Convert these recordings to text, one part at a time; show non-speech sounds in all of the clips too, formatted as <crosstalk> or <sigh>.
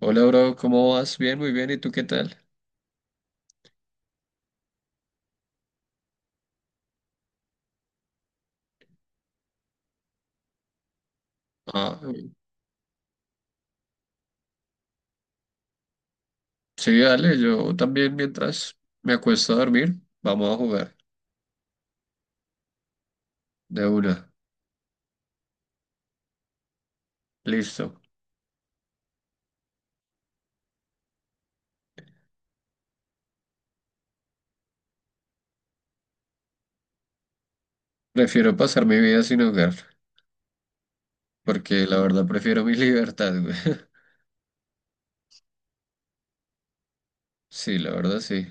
Hola, bro, ¿cómo vas? Bien, muy bien. ¿Y tú qué tal? Ah, sí, dale, yo también mientras me acuesto a dormir, vamos a jugar de una. Listo. Prefiero pasar mi vida sin hogar, porque la verdad prefiero mi libertad, güey. <laughs> Sí, la verdad sí.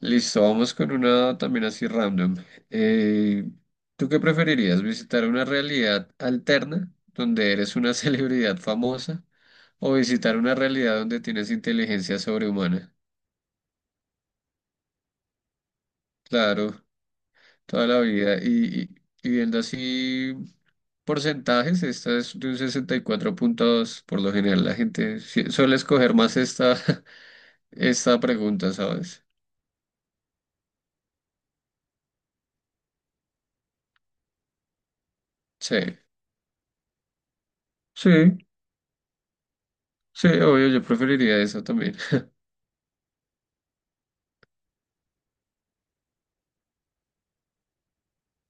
Listo, vamos con una también así random. Eh, ¿Tú qué preferirías? ¿Visitar una realidad alterna donde eres una <laughs> celebridad famosa o visitar una realidad donde tienes inteligencia sobrehumana? Claro, toda la vida. Y viendo así porcentajes, esta es de un 64,2. Por lo general, la gente suele escoger más esta, <laughs> esta pregunta, ¿sabes? Sí, sí, sí, obvio, yo preferiría eso también.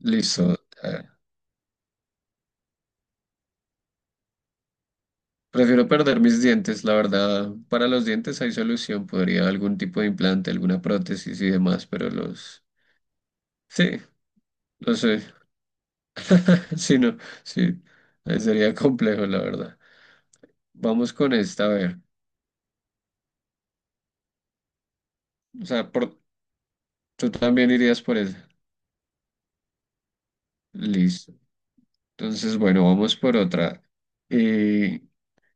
Listo. eh, Prefiero perder mis dientes, la verdad. Para los dientes hay solución. Podría algún tipo de implante, alguna prótesis y demás, pero los... Sí, no sé. <laughs> Sí, no, sí. Sería complejo, la verdad. Vamos con esta, a ver. O sea, tú también irías por esa. Listo. Entonces, bueno, vamos por otra. Eh,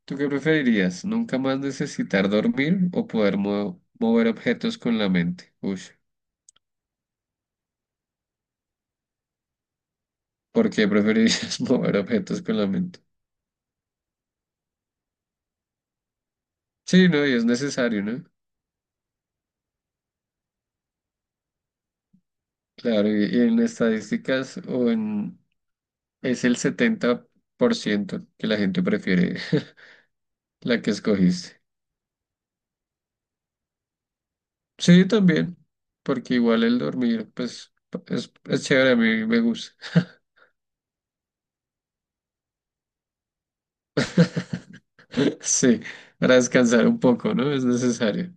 ¿Tú qué preferirías? ¿Nunca más necesitar dormir o poder mover objetos con la mente? Uy, ¿por qué preferirías <laughs> mover objetos con la mente? Sí, no, y es necesario, ¿no? Claro, y en estadísticas o en, es el 70% que la gente prefiere <laughs> la que escogiste. Sí, también, porque igual el dormir, pues, es chévere, a mí me gusta. <laughs> Sí, para descansar un poco, ¿no? Es necesario.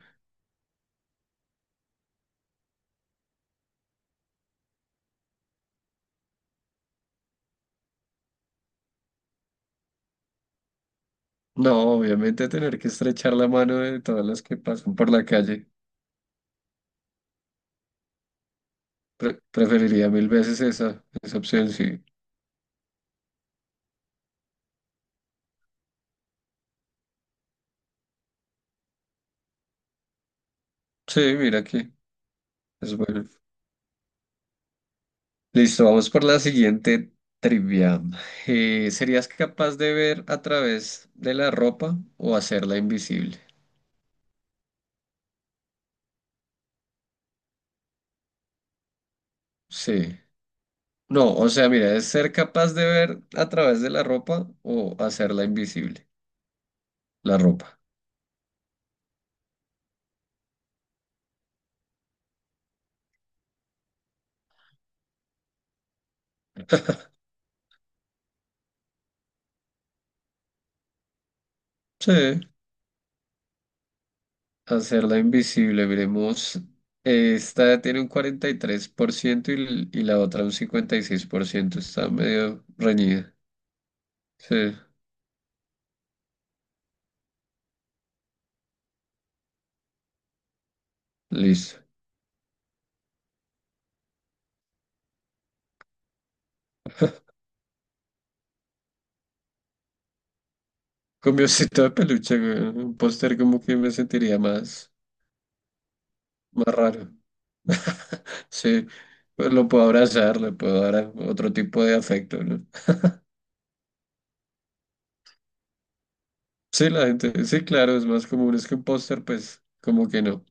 No, obviamente tener que estrechar la mano de todas las que pasan por la calle. Preferiría mil veces esa opción, sí. Sí, mira aquí, es bueno. Listo, vamos por la siguiente trivia. ¿Serías capaz de ver a través de la ropa o hacerla invisible? Sí. No, o sea, mira, es ser capaz de ver a través de la ropa o hacerla invisible. La ropa. Sí. Hacerla invisible, miremos. Esta tiene un 43% y, y la otra un 56%. Está medio reñida. Sí, listo. Con mi osito de peluche, güey, un póster como que me sentiría más, más raro. <laughs> Sí, pues lo puedo abrazar, le puedo dar otro tipo de afecto, ¿no? Sí, la gente, sí, claro, es más común, es que un póster, pues, como que no.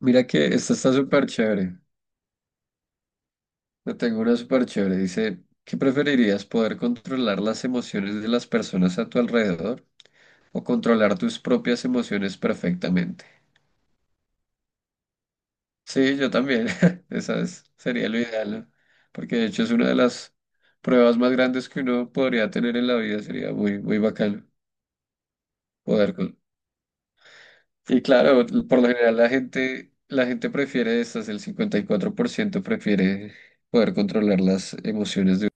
Mira que esta está súper chévere. Yo tengo una súper chévere. Dice, ¿qué preferirías? ¿Poder controlar las emociones de las personas a tu alrededor o controlar tus propias emociones perfectamente? Sí, yo también. <laughs> Esa sería lo ideal, ¿no? Porque de hecho es una de las pruebas más grandes que uno podría tener en la vida. Sería muy, muy bacano poder con... Y claro, por lo general la gente prefiere estas. El 54% prefiere poder controlar las emociones de...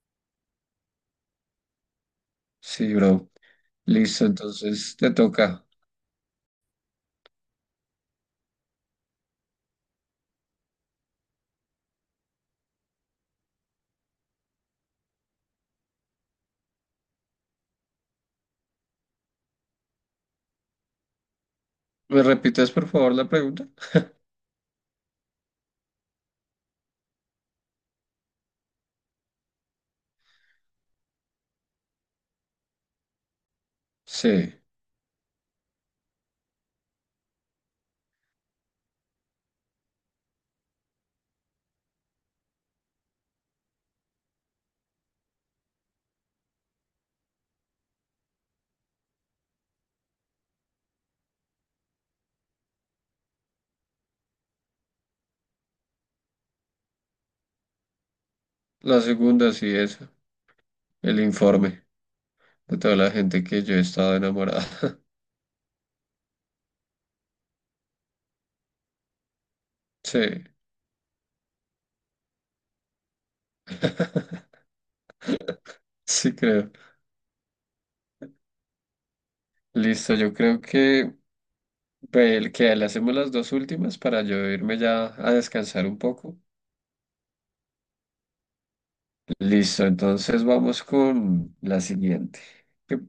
Sí, bro. Listo, entonces te toca. ¿Me repites por favor la pregunta? Sí, la segunda sí esa, el informe de toda la gente que yo he estado enamorada. <laughs> Sí, <laughs> sí creo. Listo, yo creo que, ve, que le hacemos las dos últimas para yo irme ya a descansar un poco. Listo, entonces vamos con la siguiente. ¿Qué-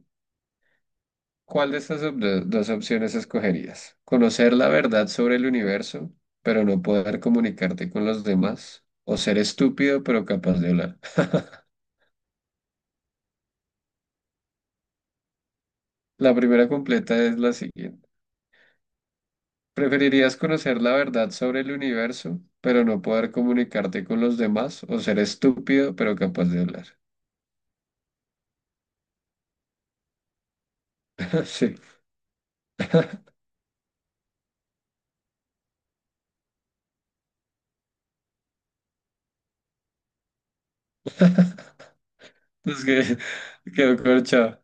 ¿Cuál de estas dos opciones escogerías? ¿Conocer la verdad sobre el universo, pero no poder comunicarte con los demás? ¿O ser estúpido pero capaz de hablar? La primera completa es la siguiente. ¿Preferirías conocer la verdad sobre el universo, pero no poder comunicarte con los demás, o ser estúpido, pero capaz de hablar? <laughs> Sí, es que <laughs> quedó corchado.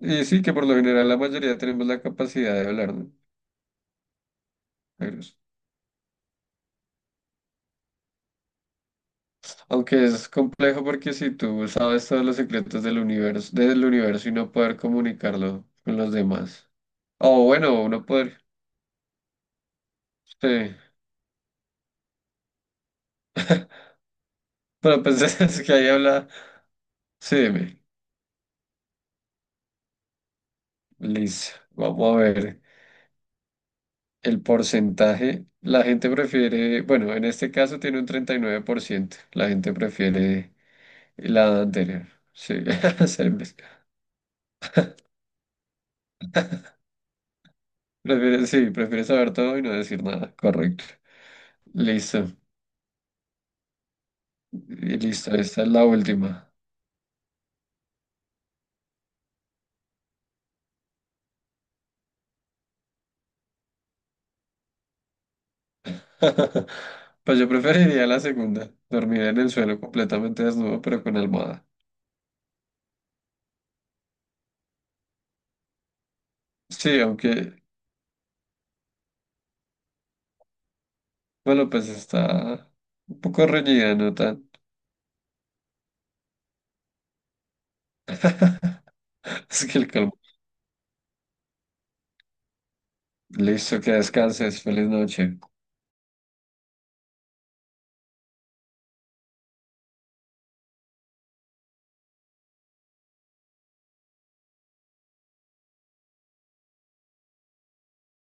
Y sí, que por lo general la mayoría tenemos la capacidad de hablar, ¿no? Pero es- Aunque es complejo porque si tú sabes todos los secretos del universo y no poder comunicarlo con los demás. O bueno, no poder. Sí. Pero pues <laughs> es que ahí habla. Sí, dime. Listo, vamos a ver el porcentaje. La gente prefiere, bueno, en este caso tiene un 39%. La gente prefiere la anterior. Sí, <laughs> ser- prefiere, sí, prefiere saber todo y no decir nada. Correcto. Listo, y listo, esta es la última. <laughs> Pues yo preferiría la segunda, dormir en el suelo completamente desnudo, pero con almohada. Sí, aunque, bueno, pues está un poco reñida, ¿no tan? <laughs> Es que el colmo. Listo, que descanses. Feliz noche.